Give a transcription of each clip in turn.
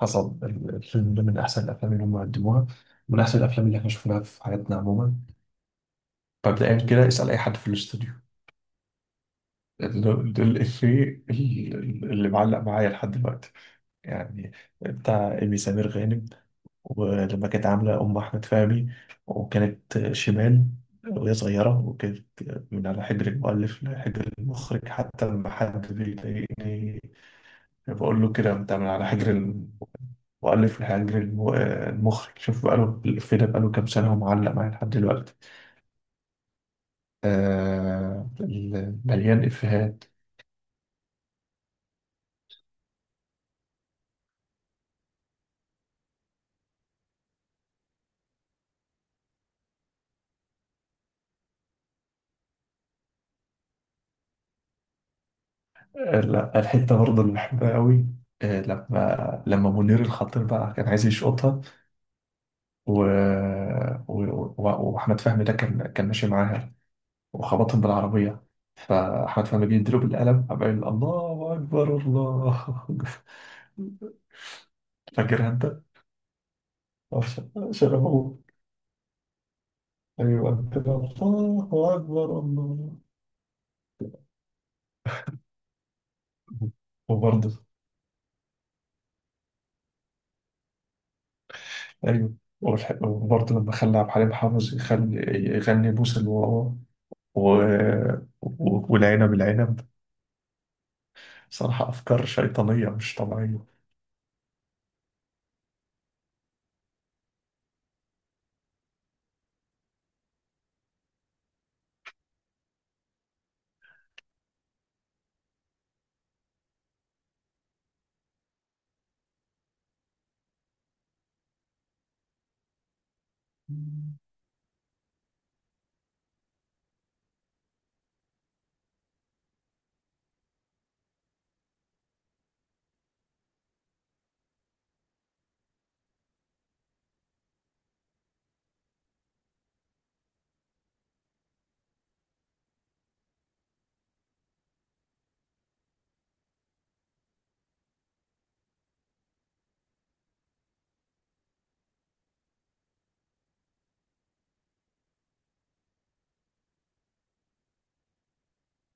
حصل الفيلم ده من أحسن الأفلام اللي هم قدموها، من أحسن الأفلام اللي احنا شفناها في حياتنا عموما. مبدئيا كده اسأل أي حد في الاستوديو. ده ده الإفيه اللي معلق معايا لحد دلوقتي، يعني بتاع إيمي سمير غانم، ولما كانت عاملة أم أحمد فهمي وكانت شمال وهي صغيرة، وكانت من على حجر المؤلف لحجر المخرج. حتى لما حد بيضايقني بقول له كده أنت من على حجر وألف لحياة جرير المخرج. شوف بقاله الإفيه ده بقاله كام سنة ومعلق معايا لحد دلوقتي. آه، مليان إفيهات. آه لا، الحتة برضه اللي بحبها قوي، آه، لما منير الخطير بقى كان عايز يشقطها و... و... و... وأحمد فهمي ده كان ماشي معاها وخبطهم بالعربية، فأحمد فهمي جه يديله بالقلم قام قايل الله أكبر الله. فاكرها أنت؟ شرفه. أيوة، أكبر الله أكبر الله. وبرضه أيوة. والح- وبرضه لما خلى عبد الحليم حافظ يخلي يغني بوس الواوا و... و... والعنب العنب. صراحة أفكار شيطانية مش طبيعية.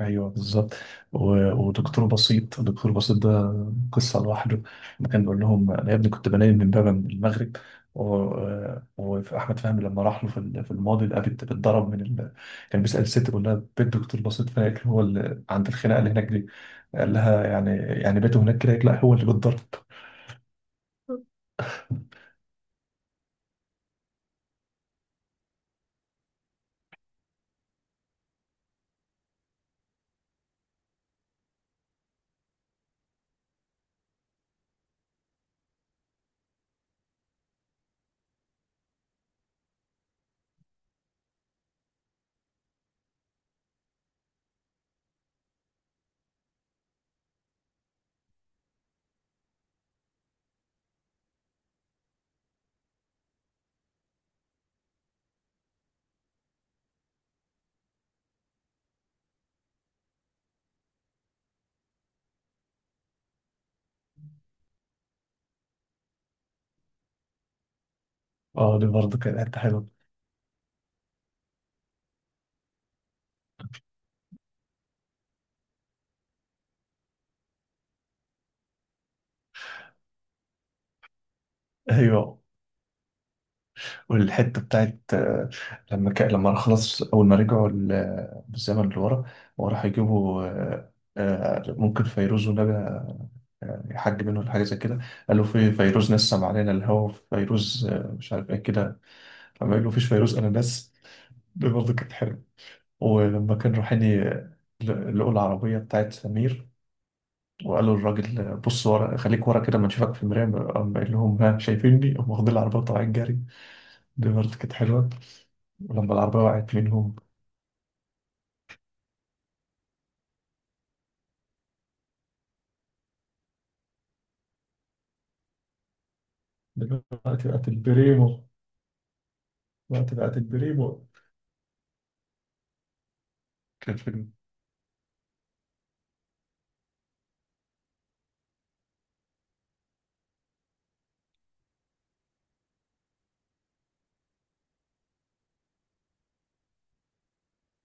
ايوه بالظبط. و- ودكتور بسيط، دكتور بسيط ده قصه لوحده، لما كان بيقول لهم انا يا ابني كنت بنام من بابا من المغرب. و- واحمد فهمي لما راح له في الماضي لقى بنت بتضرب من كان بيسال الست بيقول لها بيت دكتور بسيط فاكر، هو اللي عند الخناقه اللي هناك دي؟ قال لها، يعني يعني بيته هناك كده؟ لا، هو اللي بيتضرب. اه دي برضه كانت حته حلوه. ايوه، والحته بتاعت لما لما خلاص اول ما رجعوا بالزمن لورا، وراح يجيبوا، ممكن فيروز ونجا يحج منه ولا حاجه زي كده. قال له في فيروز نسم علينا الهوا فيروز، مش عارف ايه كده. لما قال له فيش فيروز انا ناس، دي برضه كانت حلوه. ولما كان رايحين لقوا العربيه بتاعت سمير، وقالوا للراجل بص ورا، خليك ورا كده ما نشوفك في المرايه. قام قال لهم ها شايفيني، قام واخدين العربيه وطالعين جري. دي برضه كانت حلوة. ولما العربية وقعت منهم، دلوقتي بقت البريمو، دلوقتي بقت البريمو. كان فيلم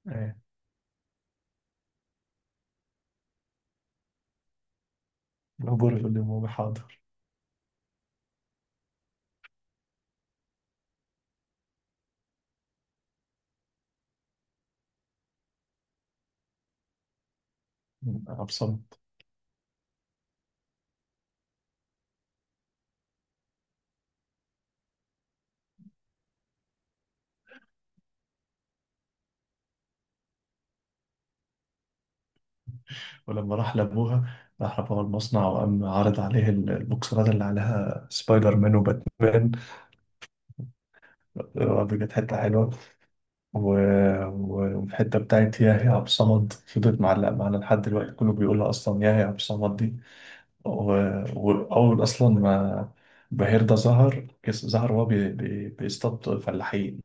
ايه؟ العبور يقول لي ماما حاضر. أنا بصمت. ولما راح لأبوها، راح لأبوها المصنع وقام عرض عليه البوكسرات اللي عليها سبايدر مان وباتمان. برضه كانت حتة حلوة. و... و- والحتة بتاعت يا يا عبد الصمد فضلت معلقة معانا لحد دلوقتي، كله بيقولها أصلا يا يا عبد الصمد دي. و- وأول أصلا ما بهير ده ظهر، ظهر وهو بيصطاد فلاحين.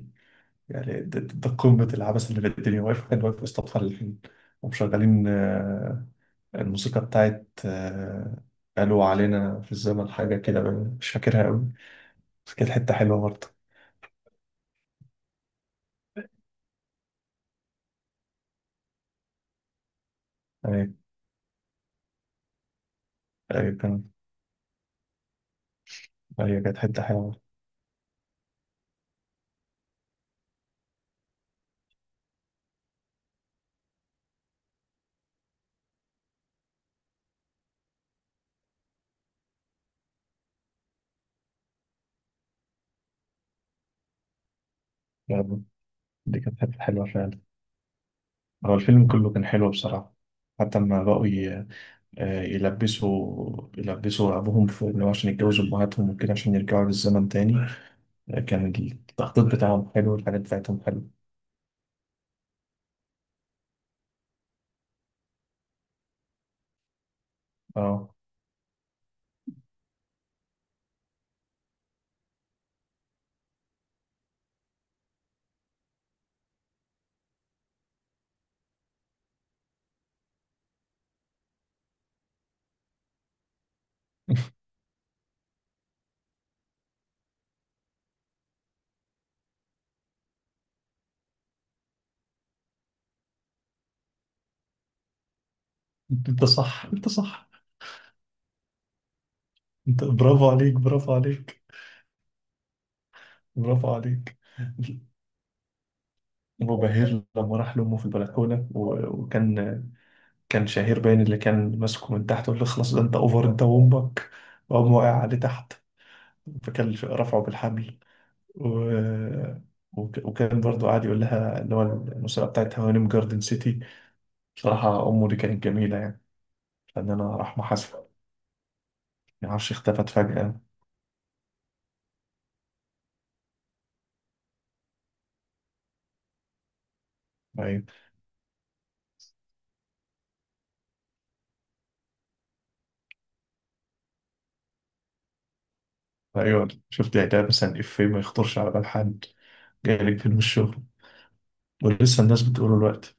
يعني ده قمة العبث اللي في الدنيا، واقف، كان واقف بيصطاد فلاحين ومشغلين الموسيقى بتاعت قالوا علينا في الزمن حاجة كده، مش فاكرها أوي، بس كانت حتة حلوة برضه. يعني، أيوة كان، أيوة كانت حتة حلوة. يعني دي كانت حتة حلوة فعلا. هو الفيلم كله كان حلو بصراحة. حتى لما بقوا يلبسوا، يلبسوا رعبهم في إن هو عشان يتجوزوا أمهاتهم وكده عشان يرجعوا للزمن تاني. آه، كان التخطيط بتاعهم حلو والحاجات بتاعتهم حلوة. اه. انت صح انت، برافو عليك، برافو عليك، برافو عليك. وبهير لما راح لأمه في البلكونة وكان، كان شهير باين اللي كان ماسكه من تحت، وقال له خلاص ده انت اوفر انت وامك، وقام واقع عليه تحت، فكان رفعه بالحبل. و... وك- وكان برضو قاعد يقول لها اللي هو المسابقة بتاعت هوانم جاردن سيتي. بصراحة أمه دي كانت جميلة، يعني فنانة، رحمة حسن، ما أعرفش اختفت فجأة. أيوة، أيوة شفت إعلان مثلا، إفيه ما يخطرش على بال حد، جايلك فين من الشغل، ولسه الناس بتقوله الوقت.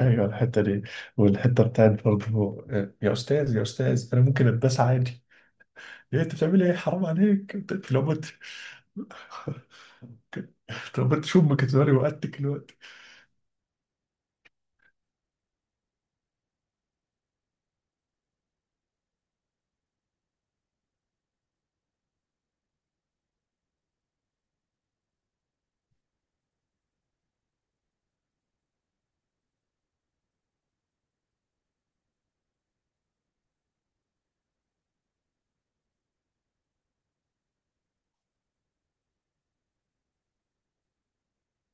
أيوة الحتة دي، والحتة بتاعت برضو يا أستاذ يا أستاذ أنا ممكن أتباس عادي؟ إيه أنت بتعمل إيه، حرام عليك، أنت لو مت! لو مت شو أمك تزوري وقتك الوقت.